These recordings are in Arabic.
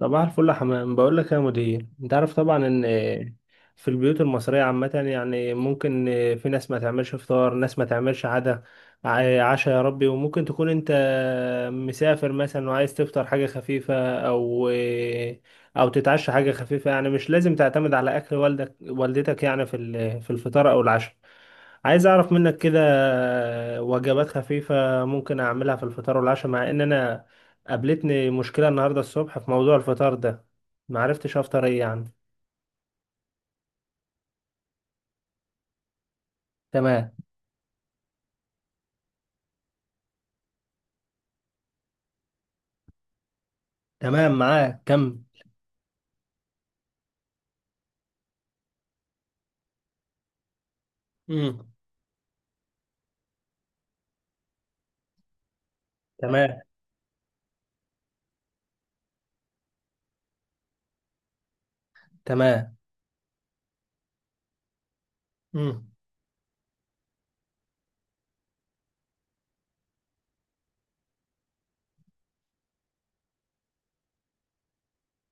صباح الفل يا حمام. بقول لك يا مدير، انت عارف طبعا ان في البيوت المصريه عامه يعني ممكن في ناس ما تعملش فطار، ناس ما تعملش عدا عشاء. يا ربي، وممكن تكون انت مسافر مثلا وعايز تفطر حاجه خفيفه، او او تتعشى حاجه خفيفه، يعني مش لازم تعتمد على اكل والدك والدتك، يعني في في الفطار او العشاء. عايز اعرف منك كده وجبات خفيفه ممكن اعملها في الفطار والعشاء، مع ان انا قابلتني مشكلة النهاردة الصبح في موضوع الفطار ده، معرفتش أفطر إيه يعني. تمام. تمام معاك كم. امم. تمام. تمام. امم.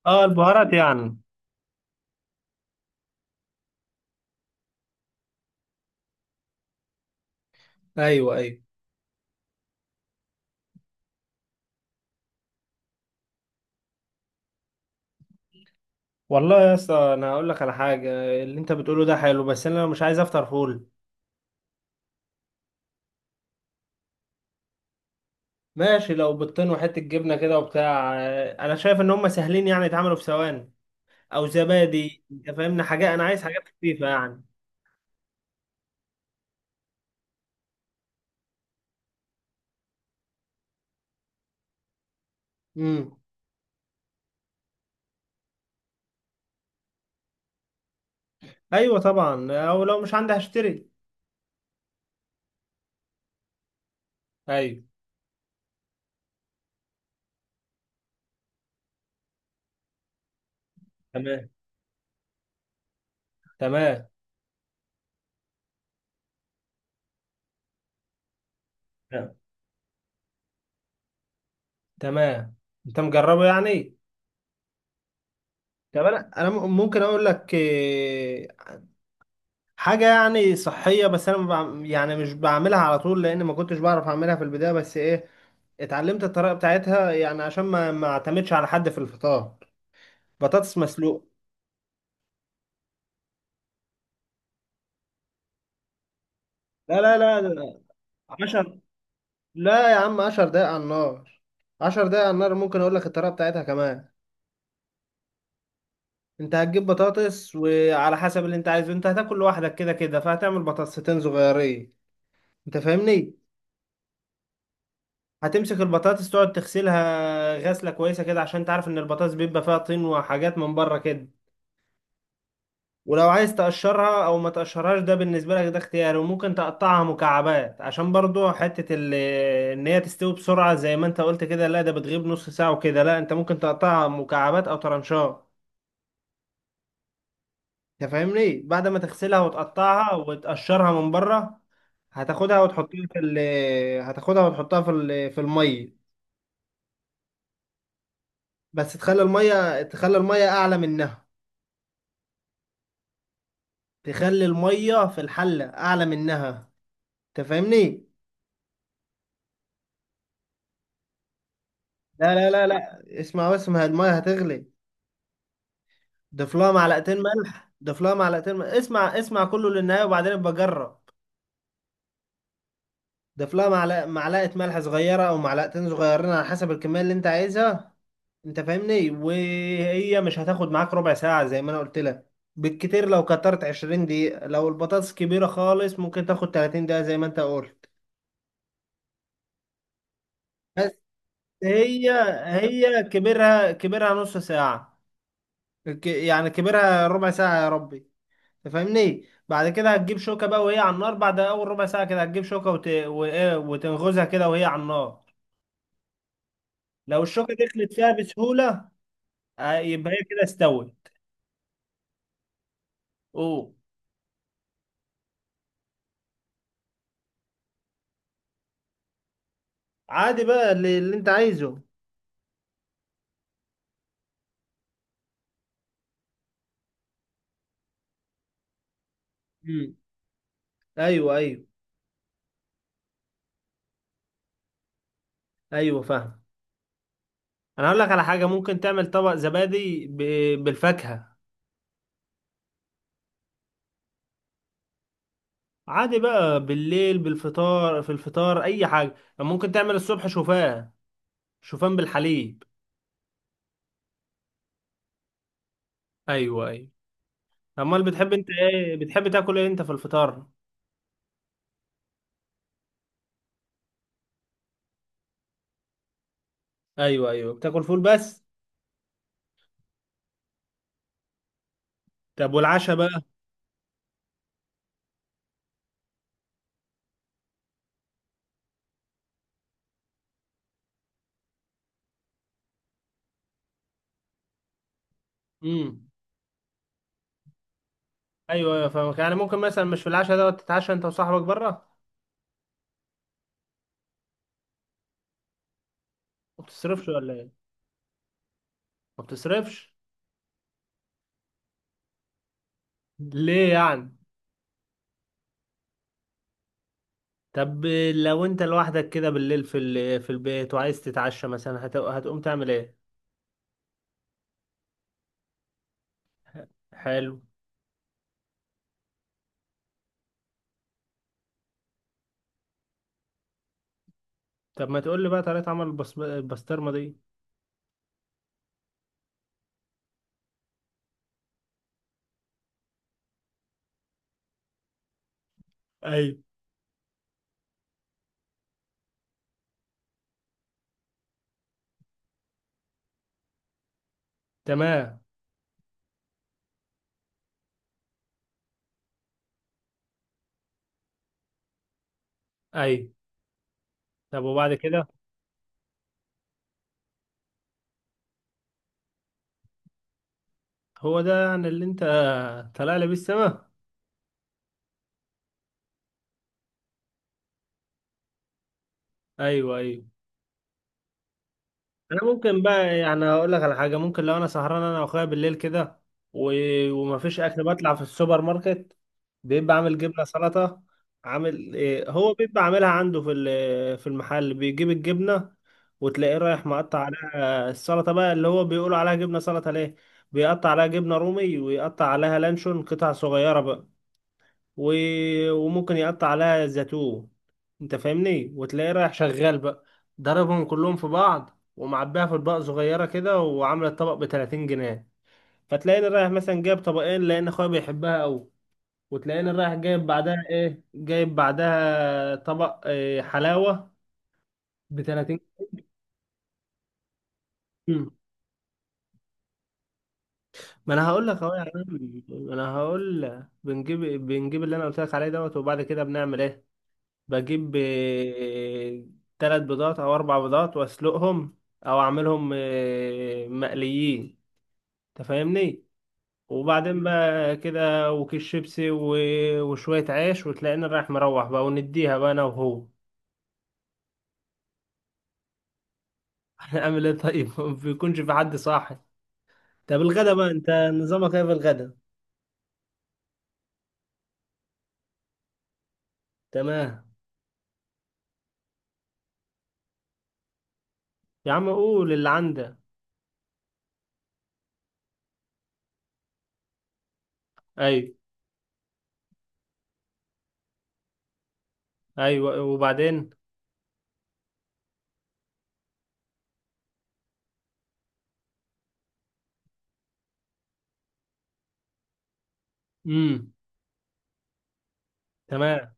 آه، البهارات يعني. ايوه ايوه. والله يا اسطى، أنا هقول لك على حاجة. اللي أنت بتقوله ده حلو، بس أنا مش عايز أفطر فول. ماشي، لو بيضتين وحتة جبنة كده وبتاع آه، أنا شايف إن هم سهلين، يعني يتعملوا في ثواني. أو زبادي. أنت فاهمني حاجة، أنا عايز حاجات خفيفة يعني. امم. أيوة طبعا، أو لو مش عندي هشتري. ايوه. تمام. تمام. نعم. تمام. انت مجربه يعني. طب انا ممكن اقول لك آه، حاجه يعني صحيه، بس انا ما بعم- يعني مش بعملها على طول، لان ما كنتش بعرف اعملها في البدايه، بس ايه، اتعلمت الطريقه بتاعتها يعني عشان ما اعتمدش على حد في الفطار. بطاطس مسلوقه. لا لا لا لا. عشر. لا يا عم، 10 دقايق على النار. 10 دقايق على النار. ممكن اقول لك الطريقه بتاعتها كمان. انت هتجيب بطاطس وعلى حسب اللي انت عايزه، انت هتاكل لوحدك كده كده، فهتعمل بطاطستين صغيرين. انت فاهمني. هتمسك البطاطس تقعد تغسلها غسلة كويسة كده عشان تعرف ان البطاطس بيبقى فيها طين وحاجات من بره كده. ولو عايز تقشرها او ما تقشرهاش، ده بالنسبة لك، ده اختياري. وممكن تقطعها مكعبات عشان برضو حتة ان هي تستوي بسرعة، زي ما انت قلت كده لا ده بتغيب نص ساعة وكده، لا انت ممكن تقطعها مكعبات او ترنشات. انت فاهمني. بعد ما تغسلها وتقطعها وتقشرها من بره، هتاخدها وتحطها في ال هتاخدها وتحطها في في المية. بس تخلي المية، تخلي المية اعلى منها. تخلي المية في الحلة أعلى منها. أنت فاهمني؟ لا لا لا لا، اسمع بس، ما هي المية هتغلي. ضيف لها معلقتين ملح. ضيف لها معلقتين ملح. اسمع اسمع كله للنهاية وبعدين ابقى جرب. ضيف لها معلقة، معلقة ملح صغيرة أو معلقتين صغيرين على حسب الكمية اللي أنت عايزها. أنت فاهمني؟ وهي مش هتاخد معاك ربع ساعة زي ما أنا قلت لك. بالكتير لو كترت 20 دقيقة، لو البطاطس كبيرة خالص ممكن تاخد 30 دقيقة زي ما أنت قلت. بس هي هي كبرها كبرها نص ساعة، يعني كبرها ربع ساعة يا ربي. تفهمني. بعد كده هتجيب شوكة بقى وهي على النار، بعد أول ربع ساعة كده هتجيب شوكة وت... وإيه وتنغزها كده وهي على النار. لو الشوكة دخلت فيها بسهولة، آه، يبقى هي كده استوت. أوه. عادي بقى اللي أنت عايزه. مم. أيوه أيوه. أيوه فاهم. أنا هقول لك على حاجة. ممكن تعمل طبق زبادي بالفاكهة. عادي بقى بالليل، بالفطار. في الفطار أي حاجة ممكن تعمل. الصبح شوفان، شوفان بالحليب. ايوه ايوه. امال بتحب انت ايه، بتحب تاكل ايه انت في الفطار. ايوه ايوه بتاكل فول بس. طب والعشاء بقى. امم. ايوه ايوه فاهمك. يعني ممكن مثلا مش في العشاء دوت تتعشى انت وصاحبك بره. ما بتصرفش ولا ايه. ما بتصرفش ليه يعني. طب لو انت لوحدك كده بالليل في في البيت وعايز تتعشى مثلا، هتقوم تعمل ايه. حلو. طب ما تقول لي بقى طريقة عمل البسطرمة دي. ايوه. تمام. ايوه. طب وبعد كده. هو ده يعني اللي انت طالع لي بيه السما. ايوه ايوه. انا ممكن بقى يعني اقول لك على حاجه. ممكن لو انا سهران انا واخويا بالليل كده و... ومفيش اكل، بطلع في السوبر ماركت، بيبقى عامل جبنه سلطه. عامل إيه، هو بيبقى عاملها عنده في في المحل. بيجيب الجبنه وتلاقيه رايح مقطع عليها السلطه بقى، اللي هو بيقولوا عليها جبنه سلطه ليه. بيقطع عليها جبنه رومي ويقطع عليها لانشون قطع صغيره بقى و... وممكن يقطع عليها زيتون. انت فاهمني. وتلاقيه رايح شغال بقى، ضربهم كلهم في بعض ومعبيها في اطباق صغيره كده، وعامله الطبق ب 30 جنيه. فتلاقيني رايح مثلا جايب طبقين لان اخويا بيحبها قوي. وتلاقيني رايح جايب بعدها ايه، جايب بعدها طبق إيه، حلاوه ب 30. مم. ما انا هقول لك اهو يا عم، ما انا هقول لك بنجيب اللي انا قلت لك عليه دوت. وبعد كده بنعمل ايه. بجيب آه، تلات بيضات او اربع بيضات واسلقهم، او اعملهم آه، مقليين. تفهمني. وبعدين بقى كده وكيس شيبسي وشوية عيش، وتلاقينا رايح مروح بقى ونديها بقى انا وهو. هنعمل ايه طيب ما بيكونش في حد صاحي. طب الغدا بقى انت نظامك ايه في الغدا. تمام. يا عم قول اللي عندك. ايوه. ايوه وبعدين. امم. تمام.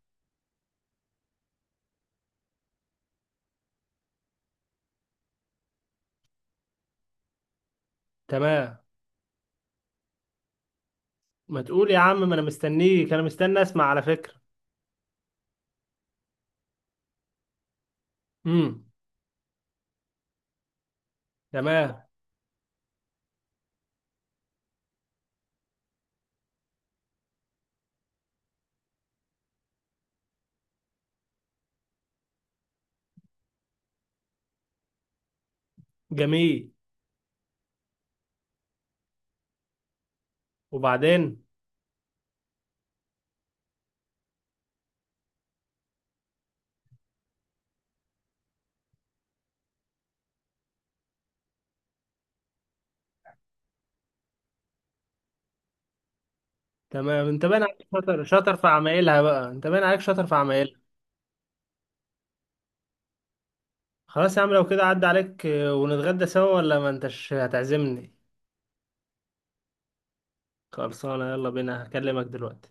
تمام. ما تقول يا عم، ما انا مستنيك، انا مستني اسمع على فكرة. مم. تمام. جميل. وبعدين. تمام. انت باين عليك شاطر، شاطر في عمايلها بقى، انت باين عليك شاطر في عمايلها. خلاص يا عم، لو كده عدى عليك آه، ونتغدى سوا، ولا ما انتش هتعزمني. خلصانه يلا بينا، هكلمك دلوقتي.